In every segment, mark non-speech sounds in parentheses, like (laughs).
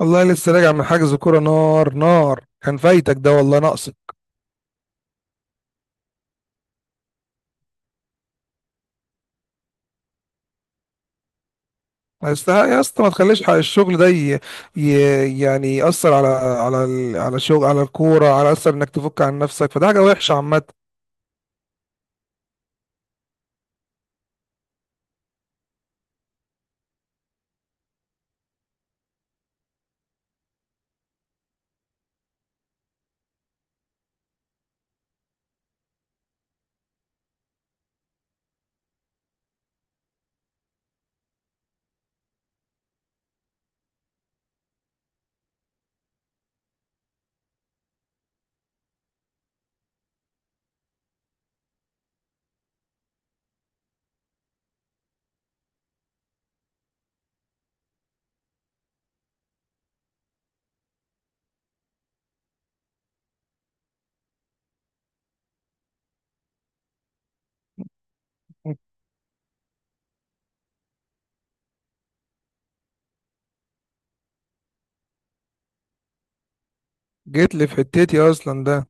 والله لسه راجع من حجز كوره. نار نار كان فايتك، ده والله ناقصك. ما يستحق يا اسطى، ما تخليش حق الشغل ده يعني يأثر على الشغل على الكوره، على اثر انك تفك عن نفسك، فده حاجه وحشه عامه. جيت لي في حتتي اصلا ده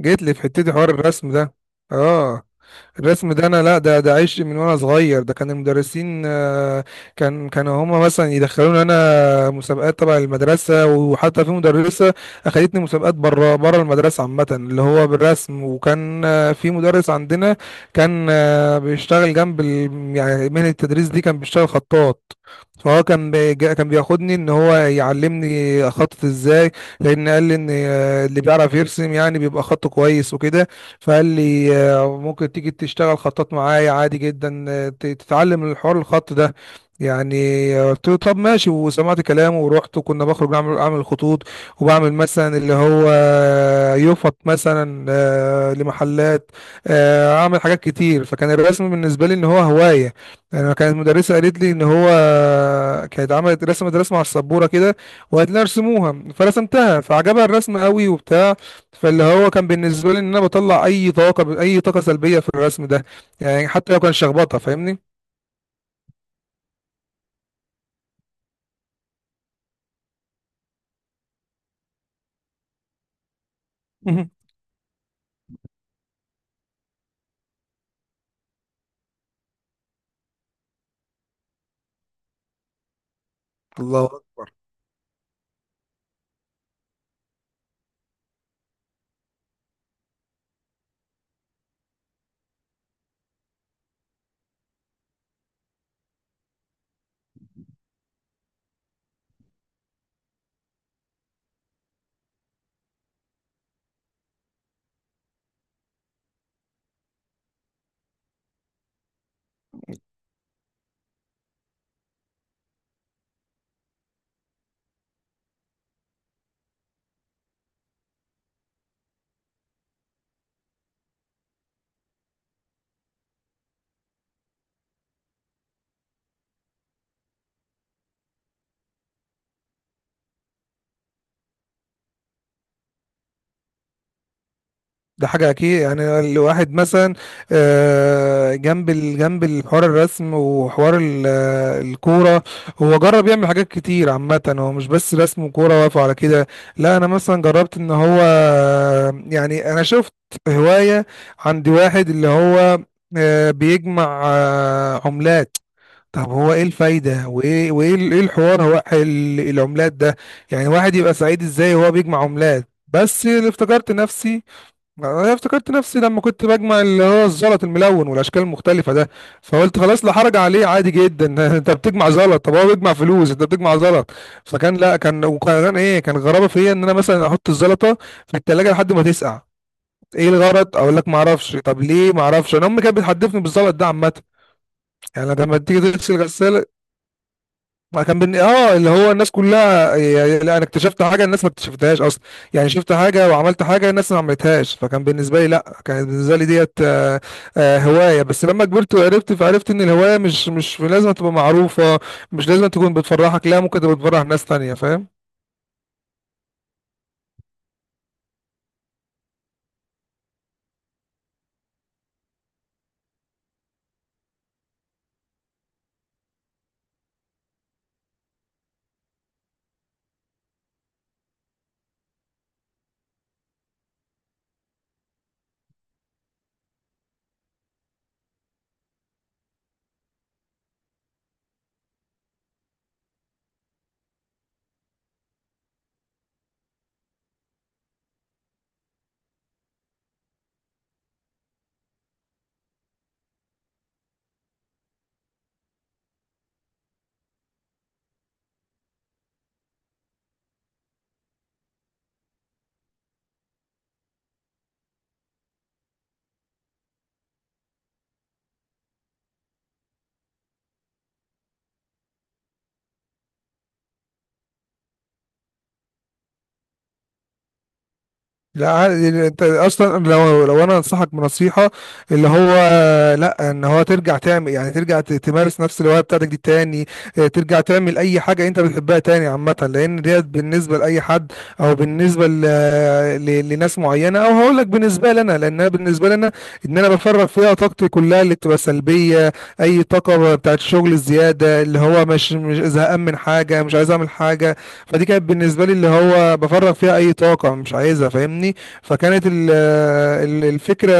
جيت لي في حتتي حوار الرسم ده. اه. الرسم ده انا لا، ده عشق من وانا صغير، ده كان المدرسين. كانوا هما مثلا يدخلوني انا مسابقات تبع المدرسه، وحتى في مدرسه اخدتني مسابقات بره بره المدرسه عامه، اللي هو بالرسم. وكان في مدرس عندنا كان بيشتغل جنب يعني مهنه التدريس دي، كان بيشتغل خطاط. فهو كان كان بياخدني ان هو يعلمني اخطط ازاي، لان قال لي ان اللي بيعرف يرسم يعني بيبقى خطه كويس وكده. فقال لي ممكن تيجي تشتغل خطاط معايا عادي جدا، تتعلم الحوار الخط ده يعني. قلت له طب ماشي، وسمعت كلامه ورحت، وكنا بخرج اعمل خطوط، وبعمل مثلا اللي هو يفط مثلا لمحلات، اعمل حاجات كتير، فكان الرسم بالنسبه لي ان هو هوايه يعني. انا كانت المدرسه قالت لي ان هو كانت عملت رسمت رسمه على السبوره كده، وقالت لي ارسموها، فرسمتها فعجبها الرسم قوي وبتاع. فاللي هو كان بالنسبة لي ان انا بطلع اي طاقة، اي طاقة سلبية في الرسم ده، يعني حتى لو كان شخبطة فاهمني. مهم. الله. ده حاجة أكيد، يعني الواحد مثلا جنب الحوار الرسم، وحوار الكورة. هو جرب يعمل حاجات كتير عامة، هو مش بس رسم وكورة واقف على كده. لا أنا مثلا جربت إن هو يعني أنا شفت هواية عند واحد اللي هو بيجمع عملات. طب هو ايه الفايدة، وايه وايه ال- ايه الحوار هو العملات ده؟ يعني واحد يبقى سعيد ازاي وهو بيجمع عملات؟ بس اللي افتكرت نفسي، انا افتكرت نفسي لما كنت بجمع اللي هو الزلط الملون والاشكال المختلفة ده. فقلت خلاص، لا حرج عليه، عادي جدا (laughs) انت بتجمع زلط، طب هو بيجمع فلوس انت بتجمع زلط. فكان لا كان وكان ايه كان غرابة فيا ان انا مثلا احط الزلطة في التلاجة لحد ما تسقع. ايه الغرض، اقول لك ما اعرفش. طب ليه؟ ما اعرفش. انا امي كانت بتحدفني بالزلط ده عامه، يعني لما تيجي تغسل غسالة. ما كان بن... اه اللي هو الناس كلها يعني، لا انا اكتشفت حاجه الناس ما اكتشفتهاش اصلا. يعني شفت حاجه وعملت حاجه الناس ما عملتهاش، فكان بالنسبه لي لا كانت بالنسبه لي ديت هوايه. بس لما كبرت وعرفت، فعرفت ان الهوايه مش لازم تبقى معروفه، مش لازم تكون بتفرحك، لا، ممكن تبقى بتفرح ناس تانية فاهم. لا عادي، انت اصلا لو انا انصحك بنصيحه اللي هو، لا، ان هو ترجع تعمل، يعني ترجع تمارس نفس الهوايه بتاعتك دي تاني. اه، ترجع تعمل اي حاجه انت بتحبها تاني عامه، لان ديت بالنسبه لاي حد، او بالنسبه لناس معينه، او هقول لك بالنسبه لنا، لان أنا بالنسبه لنا ان انا بفرغ فيها طاقتي كلها اللي بتبقى سلبيه. اي طاقه بتاعت الشغل الزياده، اللي هو مش زهقان من حاجه، مش عايز اعمل حاجه. فدي كانت بالنسبه لي اللي هو بفرغ فيها اي طاقه مش عايزها فاهمني. فكانت الفكره،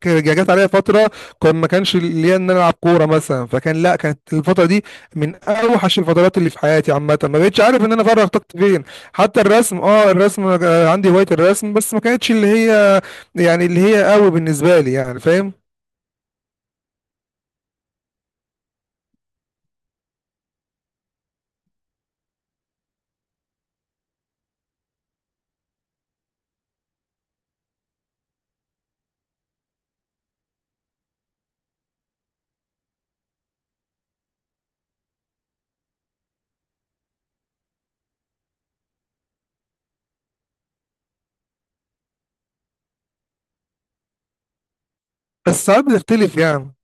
جت عليا فتره كان ما كانش ليا ان انا العب كوره مثلا، فكان لا كانت الفتره دي من اوحش الفترات اللي في حياتي عامه، ما بقتش عارف ان انا افرغ طاقتي فين. حتى الرسم، اه الرسم عندي هوايه الرسم، بس ما كانتش اللي هي يعني اللي هي قوي بالنسبه لي يعني فاهم. بس ساعات بتختلف يعني.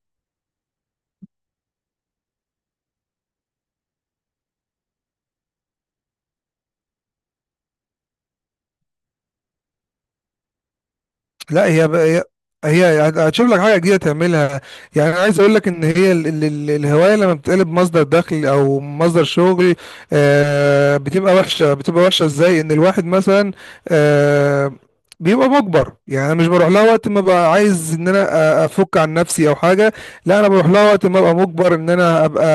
لا هي بقى، هي هتشوف لك حاجه جديده تعملها. يعني انا عايز اقول لك ان هي ال ال ال الهوايه لما بتقلب مصدر دخل او مصدر شغل، بتبقى وحشه. بتبقى وحشه ازاي؟ ان الواحد مثلا آه بيبقى مجبر. يعني انا مش بروح لها وقت ما ببقى عايز ان انا افك عن نفسي او حاجه. لا انا بروح لها وقت ما ابقى مجبر ان انا ابقى،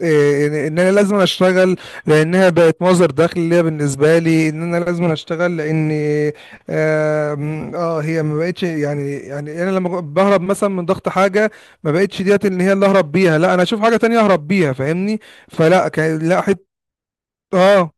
إيه، إن انا لازم اشتغل، لانها بقت مصدر دخل ليا، بالنسبه لي ان انا لازم اشتغل، لان آم، اه هي ما بقتش يعني، انا لما بهرب مثلا من ضغط حاجه، ما بقتش ديت اللي هي اللي اهرب بيها، لا انا اشوف حاجه تانية اهرب بيها فاهمني. فلا كان لا حت. اه.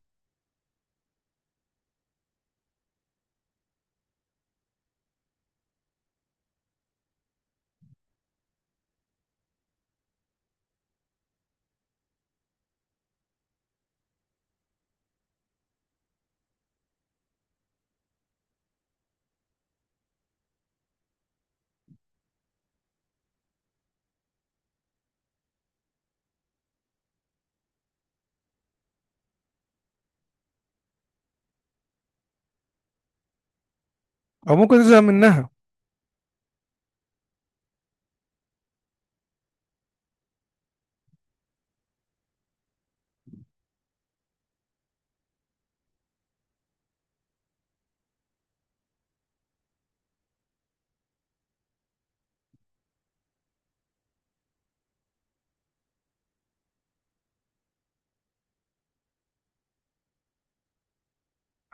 او ممكن ازهق منها.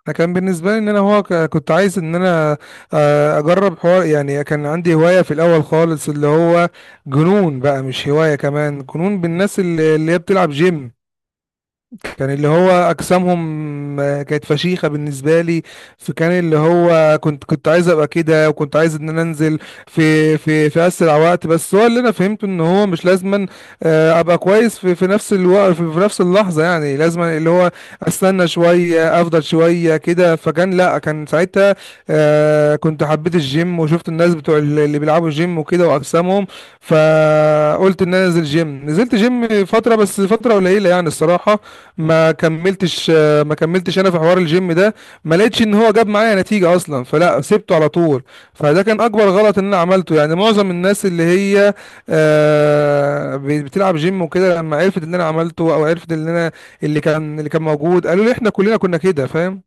انا كان بالنسبه لي ان انا هو كنت عايز ان انا اجرب حوار، يعني كان عندي هوايه في الاول خالص اللي هو جنون بقى، مش هوايه كمان، جنون بالناس اللي هي بتلعب جيم. كان اللي هو اجسامهم كانت فشيخه بالنسبه لي. فكان اللي هو كنت عايز ابقى كده، وكنت عايز ان انا انزل في اسرع وقت، بس هو اللي انا فهمته ان هو مش لازما ابقى كويس في نفس الوقت، في نفس اللحظه، يعني لازما اللي هو استنى شويه، افضل شويه كده. فكان لا كان ساعتها كنت حبيت الجيم، وشفت الناس بتوع اللي بيلعبوا جيم وكده واجسامهم. فقلت ان انا انزل جيم، نزلت جيم فتره، بس فتره قليله يعني الصراحه. ما كملتش ما كملتش انا في حوار الجيم ده. ما لقيتش ان هو جاب معايا نتيجة اصلا، فلا سبته على طول. فده كان اكبر غلط ان انا عملته. يعني معظم الناس اللي هي بتلعب جيم وكده، لما عرفت اللي انا عملته، او عرفت اللي انا اللي كان موجود، قالوا لي احنا كلنا كنا كده فاهم.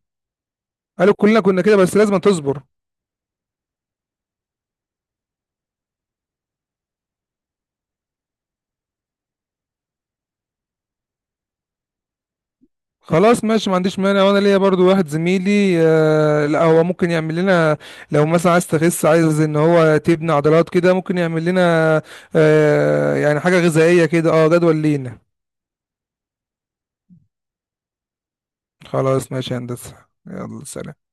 قالوا كلنا كنا كده، بس لازم تصبر. خلاص ماشي، ما عنديش مانع، وانا ليا برضو واحد زميلي. لا هو ممكن يعمل لنا، لو مثلا عايز تخس، عايز ان هو تبني عضلات كده، ممكن يعمل لنا يعني حاجة غذائية كده، اه جدول لينا. خلاص ماشي يا هندسة. يلا سلام.